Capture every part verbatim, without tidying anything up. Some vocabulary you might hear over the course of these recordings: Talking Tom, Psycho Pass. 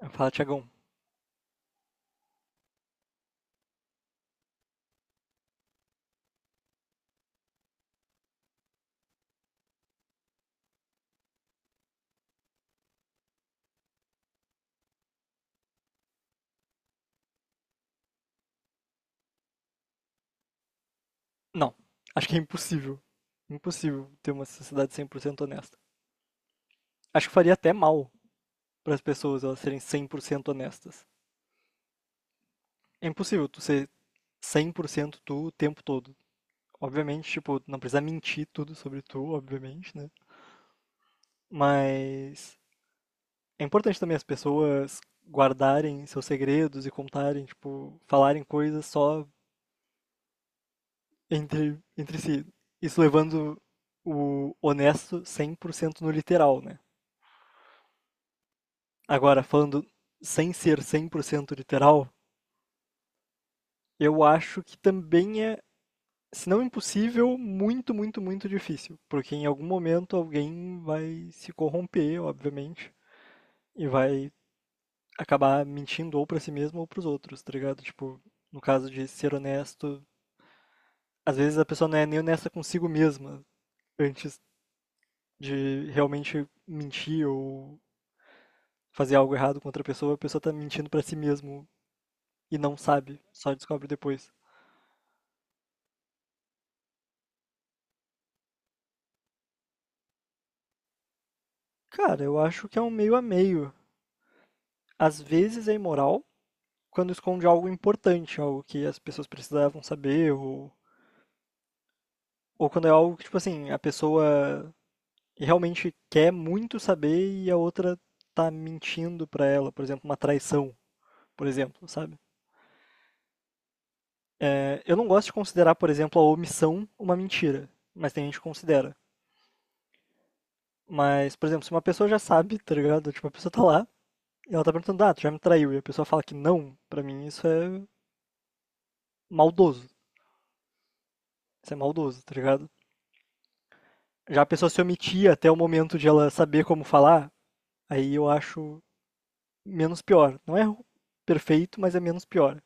Fala falo, Tiagão, não, acho que é impossível. Impossível ter uma sociedade cem por cento honesta. Acho que faria até mal para as pessoas elas serem cem por cento honestas. É impossível tu ser cem por cento tu o tempo todo. Obviamente, tipo, não precisa mentir tudo sobre tu, obviamente, né? Mas é importante também as pessoas guardarem seus segredos e contarem, tipo, falarem coisas só entre, entre si. Isso levando o honesto cem por cento no literal, né? Agora, falando sem ser cem por cento literal, eu acho que também é, se não impossível, muito, muito, muito difícil. Porque em algum momento alguém vai se corromper, obviamente, e vai acabar mentindo ou pra si mesmo ou pros outros, tá ligado? Tipo, no caso de ser honesto, às vezes a pessoa não é nem honesta consigo mesma antes de realmente mentir ou fazer algo errado com outra pessoa, a pessoa tá mentindo pra si mesmo e não sabe, só descobre depois. Cara, eu acho que é um meio a meio. Às vezes é imoral, quando esconde algo importante, algo que as pessoas precisavam saber, ou, ou quando é algo que, tipo assim, a pessoa realmente quer muito saber e a outra tá mentindo pra ela, por exemplo, uma traição, por exemplo, sabe? É, eu não gosto de considerar, por exemplo, a omissão uma mentira, mas tem gente que considera. Mas, por exemplo, se uma pessoa já sabe, tá ligado? Tipo, a pessoa tá lá e ela tá perguntando, ah, tu já me traiu, e a pessoa fala que não, pra mim isso é maldoso. Isso é maldoso, tá ligado? Já a pessoa se omitia até o momento de ela saber como falar, aí eu acho menos pior. Não é perfeito, mas é menos pior.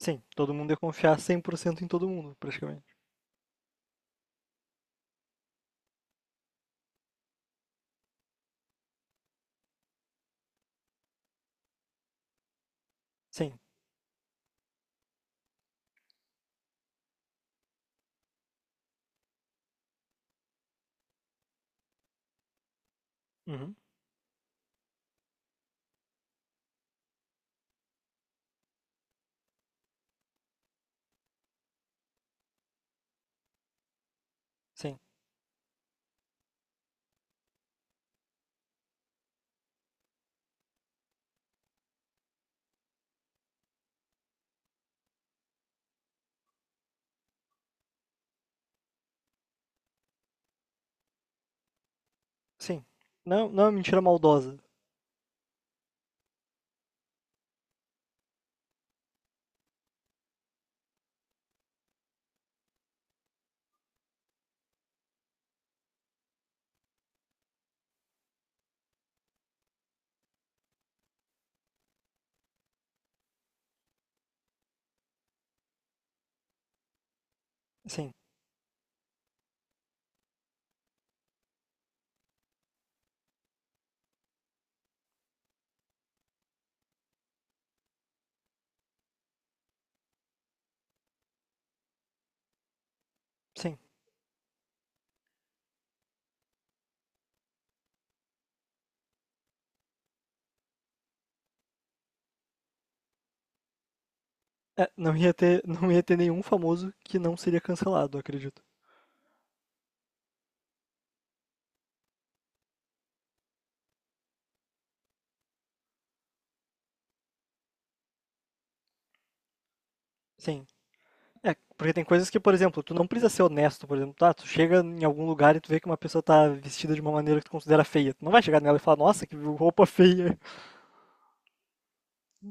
Sim, todo mundo ia confiar cem por cento em todo mundo, praticamente. Sim. Uhum. Sim. Sim. Não, não é mentira maldosa. Sim. Sim. É, não ia ter, não ia ter nenhum famoso que não seria cancelado, eu acredito. Sim. É, porque tem coisas que, por exemplo, tu não precisa ser honesto, por exemplo, tá? Tu chega em algum lugar e tu vê que uma pessoa tá vestida de uma maneira que tu considera feia. Tu não vai chegar nela e falar, nossa, que roupa feia.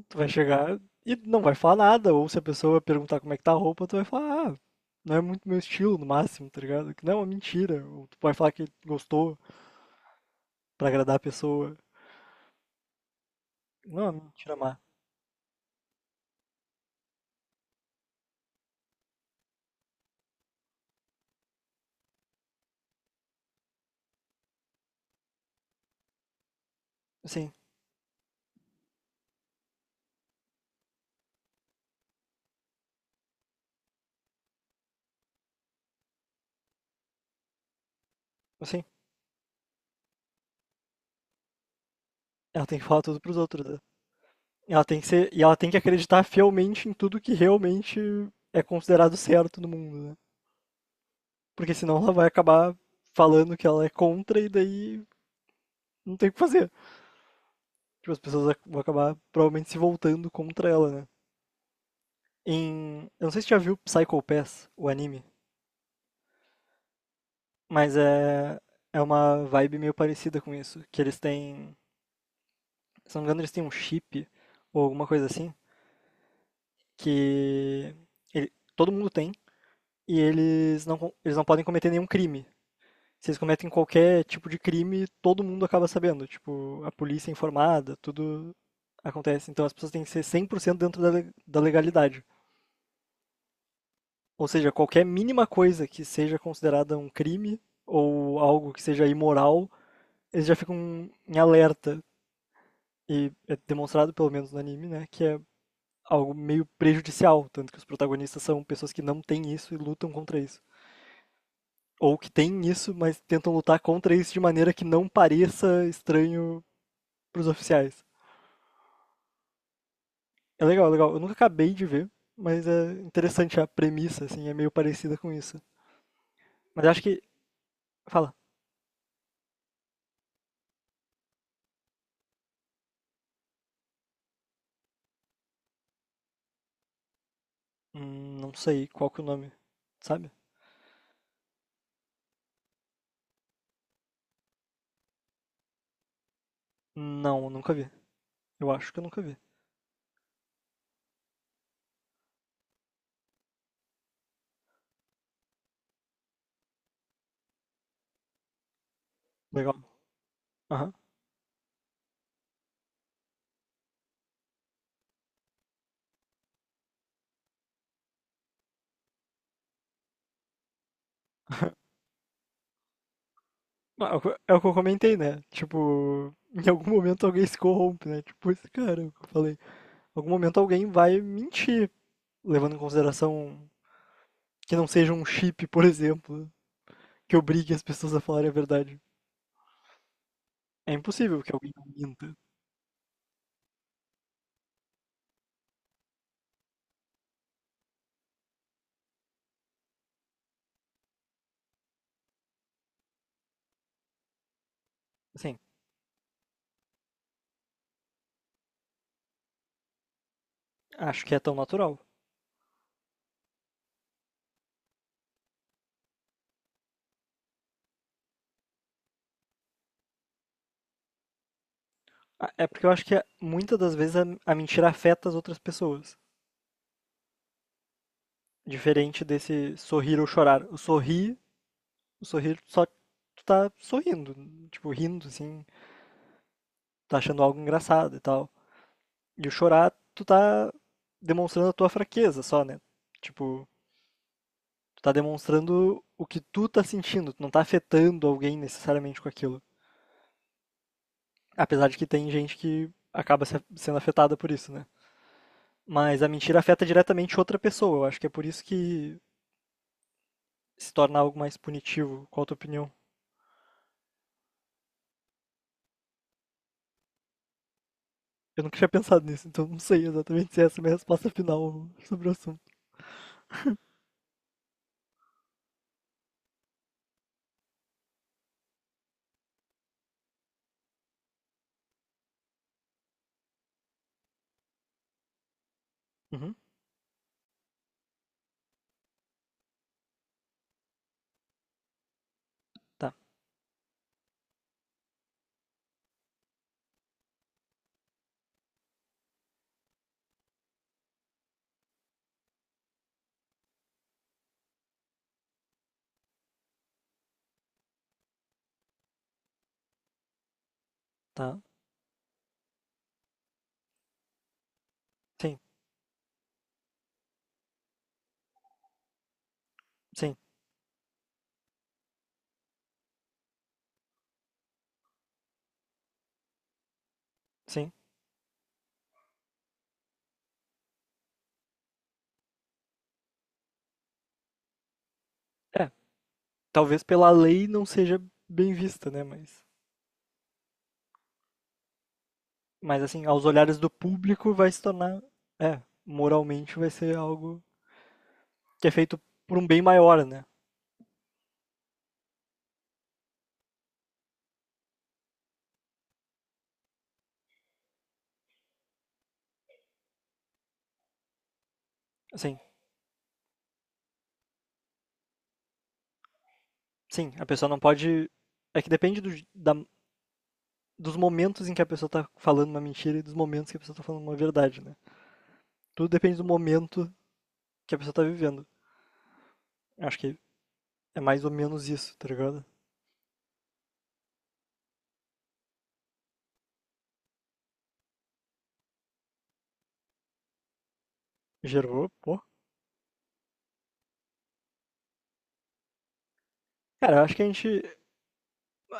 Tu vai chegar e não vai falar nada. Ou se a pessoa perguntar como é que tá a roupa, tu vai falar, ah, não é muito meu estilo no máximo, tá ligado? Que não é uma mentira. Ou tu vai falar que gostou pra agradar a pessoa. Não é uma mentira má. Assim, assim, ela tem que falar tudo pros outros, né? Ela tem que ser, e ela tem que acreditar fielmente em tudo que realmente é considerado certo no mundo, né? Porque senão ela vai acabar falando que ela é contra e daí não tem o que fazer. Tipo, as pessoas vão acabar provavelmente se voltando contra ela, né? Em. Eu não sei se você já viu Psycho Pass, o anime, mas é. É uma vibe meio parecida com isso. Que eles têm. Se não me engano, eles têm um chip ou alguma coisa assim. Que. ele- Todo mundo tem. E eles não, eles não podem cometer nenhum crime. Se eles cometem qualquer tipo de crime, todo mundo acaba sabendo. Tipo, a polícia é informada, tudo acontece. Então as pessoas têm que ser cem por cento dentro da, le- da legalidade. Ou seja, qualquer mínima coisa que seja considerada um crime ou algo que seja imoral, eles já ficam em alerta. E é demonstrado, pelo menos no anime, né, que é algo meio prejudicial. Tanto que os protagonistas são pessoas que não têm isso e lutam contra isso. Ou que têm isso, mas tentam lutar contra isso de maneira que não pareça estranho para os oficiais. É legal, legal. Eu nunca acabei de ver, mas é interessante a premissa, assim, é meio parecida com isso. Mas acho que. Fala. Hum, não sei qual que é o nome, sabe? Não, nunca vi. Eu acho que eu nunca vi. Legal. Aham. Ah, É o que eu é o que eu comentei, né? Tipo, em algum momento alguém se corrompe, né? Tipo, esse cara que eu falei. Em algum momento alguém vai mentir, levando em consideração que não seja um chip, por exemplo, que obrigue as pessoas a falarem a verdade. É impossível que alguém não minta. Assim, acho que é tão natural. Ah, é porque eu acho que a- muitas das vezes a, a mentira afeta as outras pessoas. Diferente desse sorrir ou chorar. O sorrir, o sorrir só tu tá sorrindo, tipo, rindo, assim, tá achando algo engraçado e tal. E o chorar, tu tá demonstrando a tua fraqueza só, né? Tipo, tu tá demonstrando o que tu tá sentindo, tu não tá afetando alguém necessariamente com aquilo. Apesar de que tem gente que acaba se- sendo afetada por isso, né? Mas a mentira afeta diretamente outra pessoa. Eu acho que é por isso que se tornar algo mais punitivo? Qual a tua opinião? Eu nunca tinha pensado nisso, então não sei exatamente se essa é a minha resposta final sobre o assunto. Uhum, tá, tá. Sim, sim, sim. É, talvez pela lei não seja bem vista, né? Mas, mas assim, aos olhares do público vai se tornar, é, moralmente vai ser algo que é feito por um bem maior, né? Assim, sim, a pessoa não pode. É que depende do, da, dos momentos em que a pessoa tá falando uma mentira e dos momentos que a pessoa tá falando uma verdade, né? Tudo depende do momento que a pessoa tá vivendo. Acho que é mais ou menos isso, tá ligado? Gerou, pô. Cara, acho que a gente.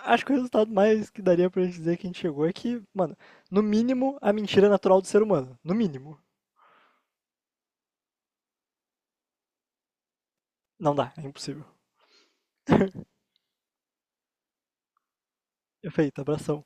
Acho que o resultado mais que daria pra gente dizer que a gente chegou é que, mano, no mínimo, a mentira é natural do ser humano. No mínimo. Não dá, é impossível. Perfeito, abração.